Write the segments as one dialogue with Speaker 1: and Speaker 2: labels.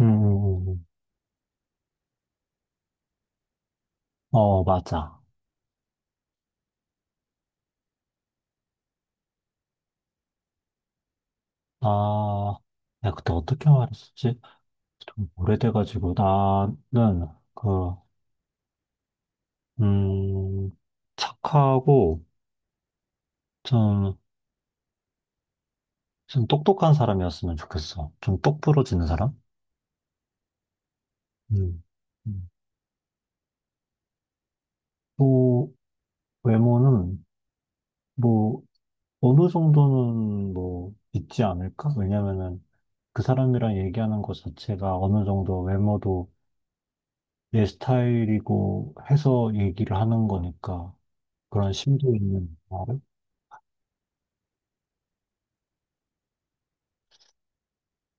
Speaker 1: 음, 음, 음. 어, 맞아. 아, 야, 그때 어떻게 말했었지? 좀 오래돼가지고, 나는, 그, 음, 착하고, 좀, 좀 똑똑한 사람이었으면 좋겠어. 좀 똑부러지는 사람? 음. 음. 또, 외모는, 뭐, 어느 정도는, 뭐, 있지 않을까? 왜냐면은, 그 사람이랑 얘기하는 것 자체가 어느 정도 외모도 내 스타일이고 해서 얘기를 하는 거니까. 그런 심도 있는 말을?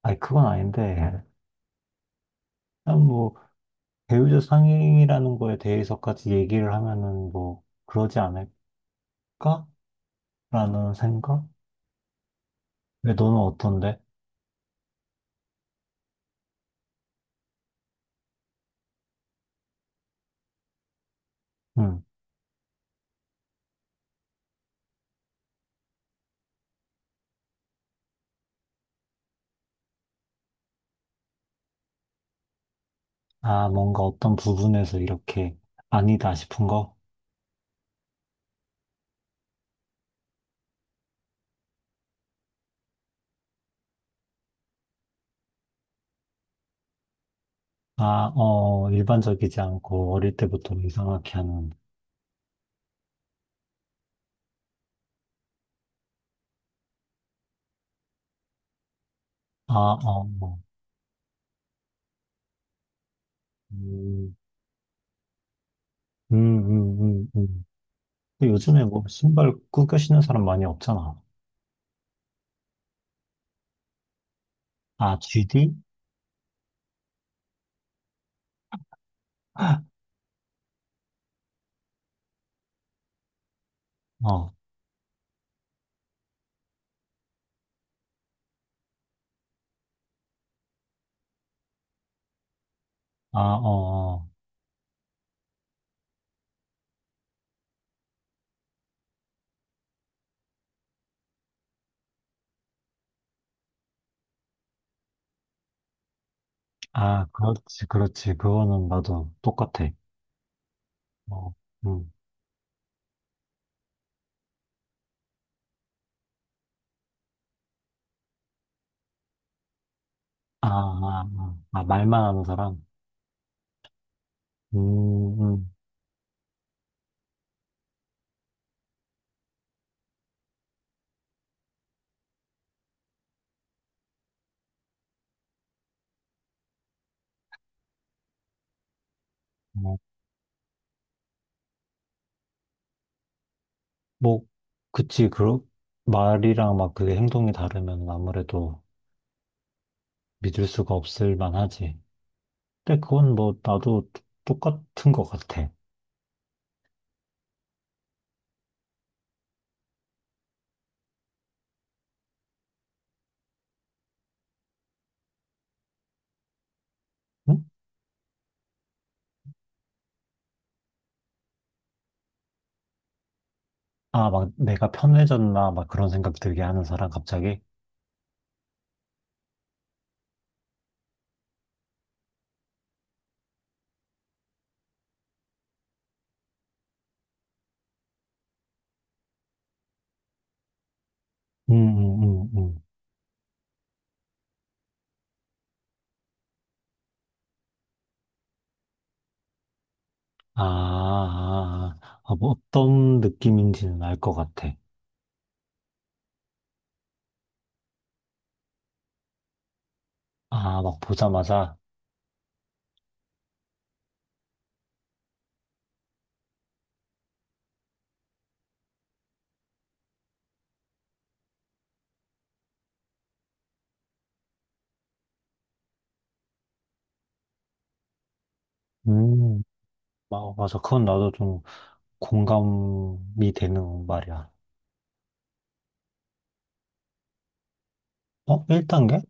Speaker 1: 아니, 그건 아닌데, 그냥 뭐, 배우자 상행이라는 거에 대해서까지 얘기를 하면은 뭐, 그러지 않을까? 라는 생각? 왜 너는 어떤데? 응. 아, 뭔가 어떤 부분에서 이렇게 아니다 싶은 거? 아, 어, 일반적이지 않고 어릴 때부터 이상하게 하는, 아, 어, 뭐, 음, 음, 음, 음, 음. 근데 요즘에 뭐, 신발 꾸겨 신는 사람 많이 없잖아. 아, GD? 어, 아, 어. 어. 아, 그렇지, 그렇지. 그거는 맞아. 똑같아. 어, 음. 아, 아, 아, 아, 말만 하는 사람? 음, 음. 뭐, 뭐, 그치. 그러, 말이랑 막 그게 행동이 다르면 아무래도 믿을 수가 없을 만하지. 근데 그건 뭐, 나도 똑같은 것 같아. 응? 아, 막 내가 편해졌나? 막 그런 생각 들게 하는 사람 갑자기? 음, 음, 음, 음. 아, 아, 아, 아, 뭐 어떤 느낌인지는 알 것 같아. 아, 막 보자마자. 음, 아, 맞아. 그건 나도 좀 공감이 되는 말이야. 어, 1단계?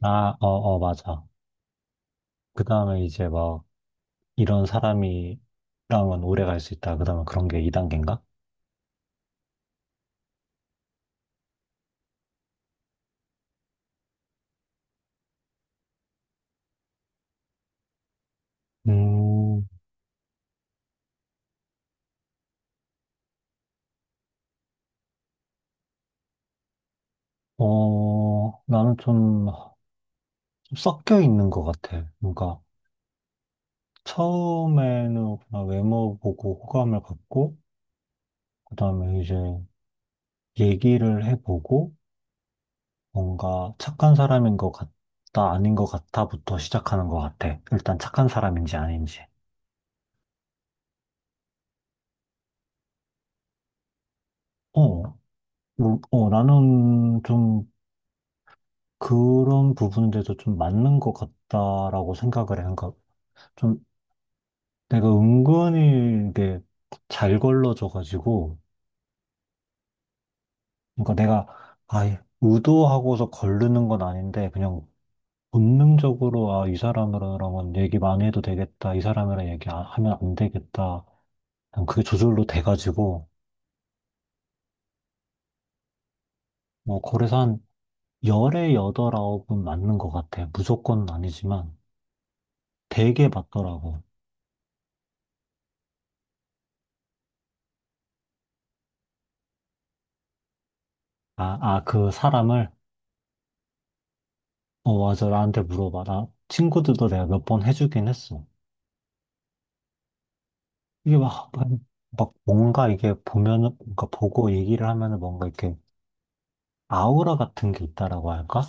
Speaker 1: 아, 어, 어, 맞아. 그 다음에 이제 막 이런 사람이랑은 오래 갈 수 있다. 그 다음에 그런 게 2단계인가? 음, 어, 나는 좀 섞여 있는 것 같아. 뭔가 처음에는 그냥 외모 보고 호감을 갖고, 그 다음에 이제 얘기를 해보고, 뭔가 착한 사람인 것 같다, 아닌 것 같다부터 시작하는 것 같아. 일단 착한 사람인지 아닌지. 어, 뭐, 어, 나는 좀 그런 부분들도 좀 맞는 것 같다라고 생각을 해. 그러니까 좀 내가 은근히 이게 잘 걸러져가지고, 그러니까 내가 아예 의도하고서 걸르는 건 아닌데, 그냥 본능적으로 아, 이 사람이랑은 얘기 많이 해도 되겠다, 이 사람이랑 얘기하면 안 하면 안 되겠다. 그냥 그게 저절로 돼가지고, 뭐, 그래서 한 열에 여덟 아홉은 맞는 것 같아. 무조건 아니지만 되게 맞더라고. 아, 아, 그 사람을, 어, 맞아. 나한테 물어봐. 나 친구들도 내가 몇 번 해주긴 했어. 이게 막, 막, 막 뭔가 이게 보면은, 뭔가 보고 얘기를 하면은 뭔가 이렇게 아우라 같은 게 있다라고 할까?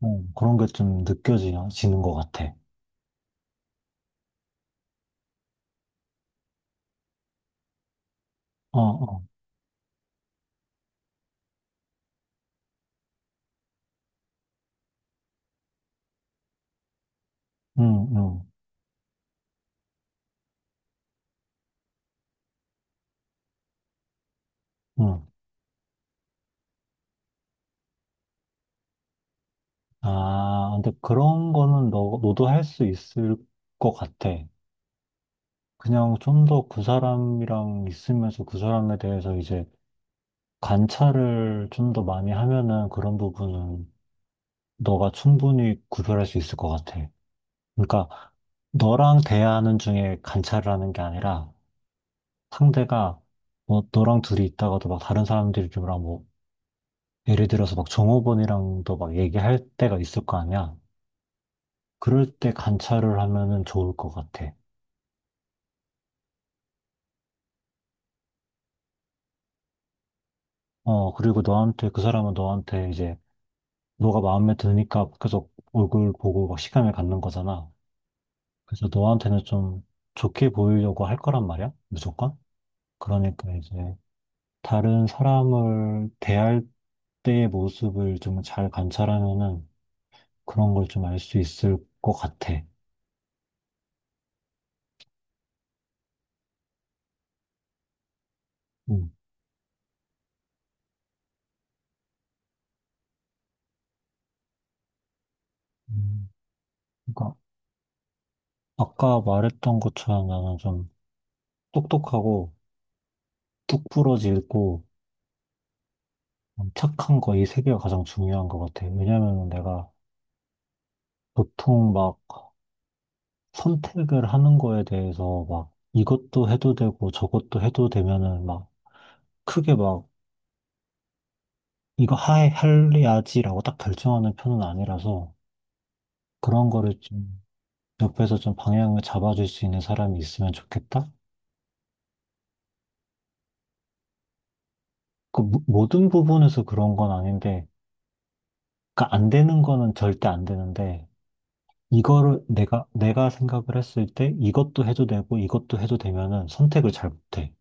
Speaker 1: 어, 그런 게 좀 느껴지는 것 같아. 어, 어, 응, 응, 응. 아, 근데 그런 거는 너도 할 수 있을 것 같아. 그냥 좀 더 그 사람이랑 있으면서 그 사람에 대해서 이제 관찰을 좀 더 많이 하면은 그런 부분은 너가 충분히 구별할 수 있을 것 같아. 그러니까 너랑 대화하는 중에 관찰을 하는 게 아니라 상대가 뭐 너랑 둘이 있다가도 막 다른 사람들이랑 뭐 예를 들어서 막 종업원이랑도 막 얘기할 때가 있을 거 아니야. 그럴 때 관찰을 하면은 좋을 것 같아. 어, 그리고 너한테 그 사람은 너한테 이제 너가 마음에 드니까 계속 얼굴 보고 막 시간을 갖는 거잖아. 그래서 너한테는 좀 좋게 보이려고 할 거란 말이야, 무조건. 그러니까 이제 다른 사람을 대할 때의 모습을 좀 잘 관찰하면은 그런 걸 좀 알 수 있을 것 같아. 음. 음. 그러니까 아까 말했던 것처럼 나는 좀 똑똑하고 뚝 부러지고 착한 거 이 세 개가 가장 중요한 것 같아. 왜냐면은 내가 보통 막 선택을 하는 거에 대해서 막 이것도 해도 되고 저것도 해도 되면은 막 크게 막 이거 하 할래야지라고 딱 결정하는 편은 아니라서 그런 거를 좀 옆에서 좀 방향을 잡아줄 수 있는 사람이 있으면 좋겠다? 모든 부분에서 그런 건 아닌데 그러니까 안 되는 거는 절대 안 되는데 이거를 내가 생각을 했을 때 이것도 해도 되고 이것도 해도 되면은 선택을 잘 못해.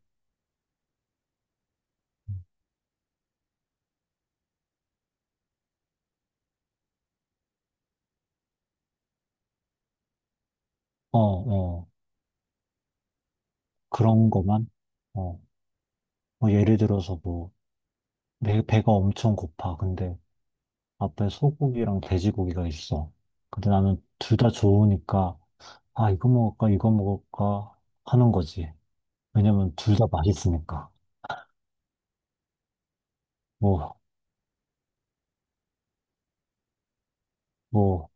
Speaker 1: 어, 어. 그런 거만 어. 뭐 예를 들어서 뭐 배가 엄청 고파. 근데 앞에 소고기랑 돼지고기가 있어. 근데 나는 둘 다 좋으니까, 아, 이거 먹을까, 이거 먹을까 하는 거지. 왜냐면 둘 다 맛있으니까. 뭐, 뭐,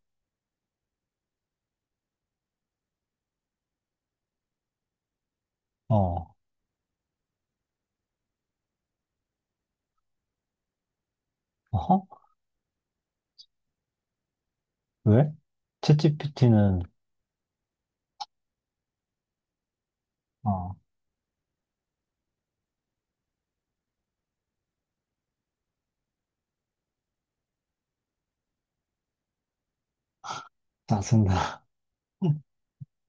Speaker 1: 어, 어허? 왜? 챗GPT는, 어, 짜증나.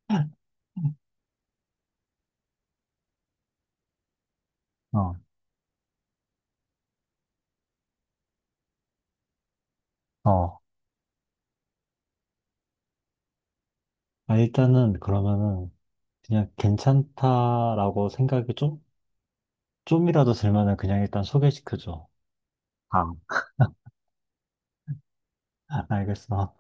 Speaker 1: 어, 어. 아, 일단은 그러면은 그냥 괜찮다라고 생각이 좀, 좀이라도 들면은 그냥 일단 소개시켜줘. 아, 알겠어.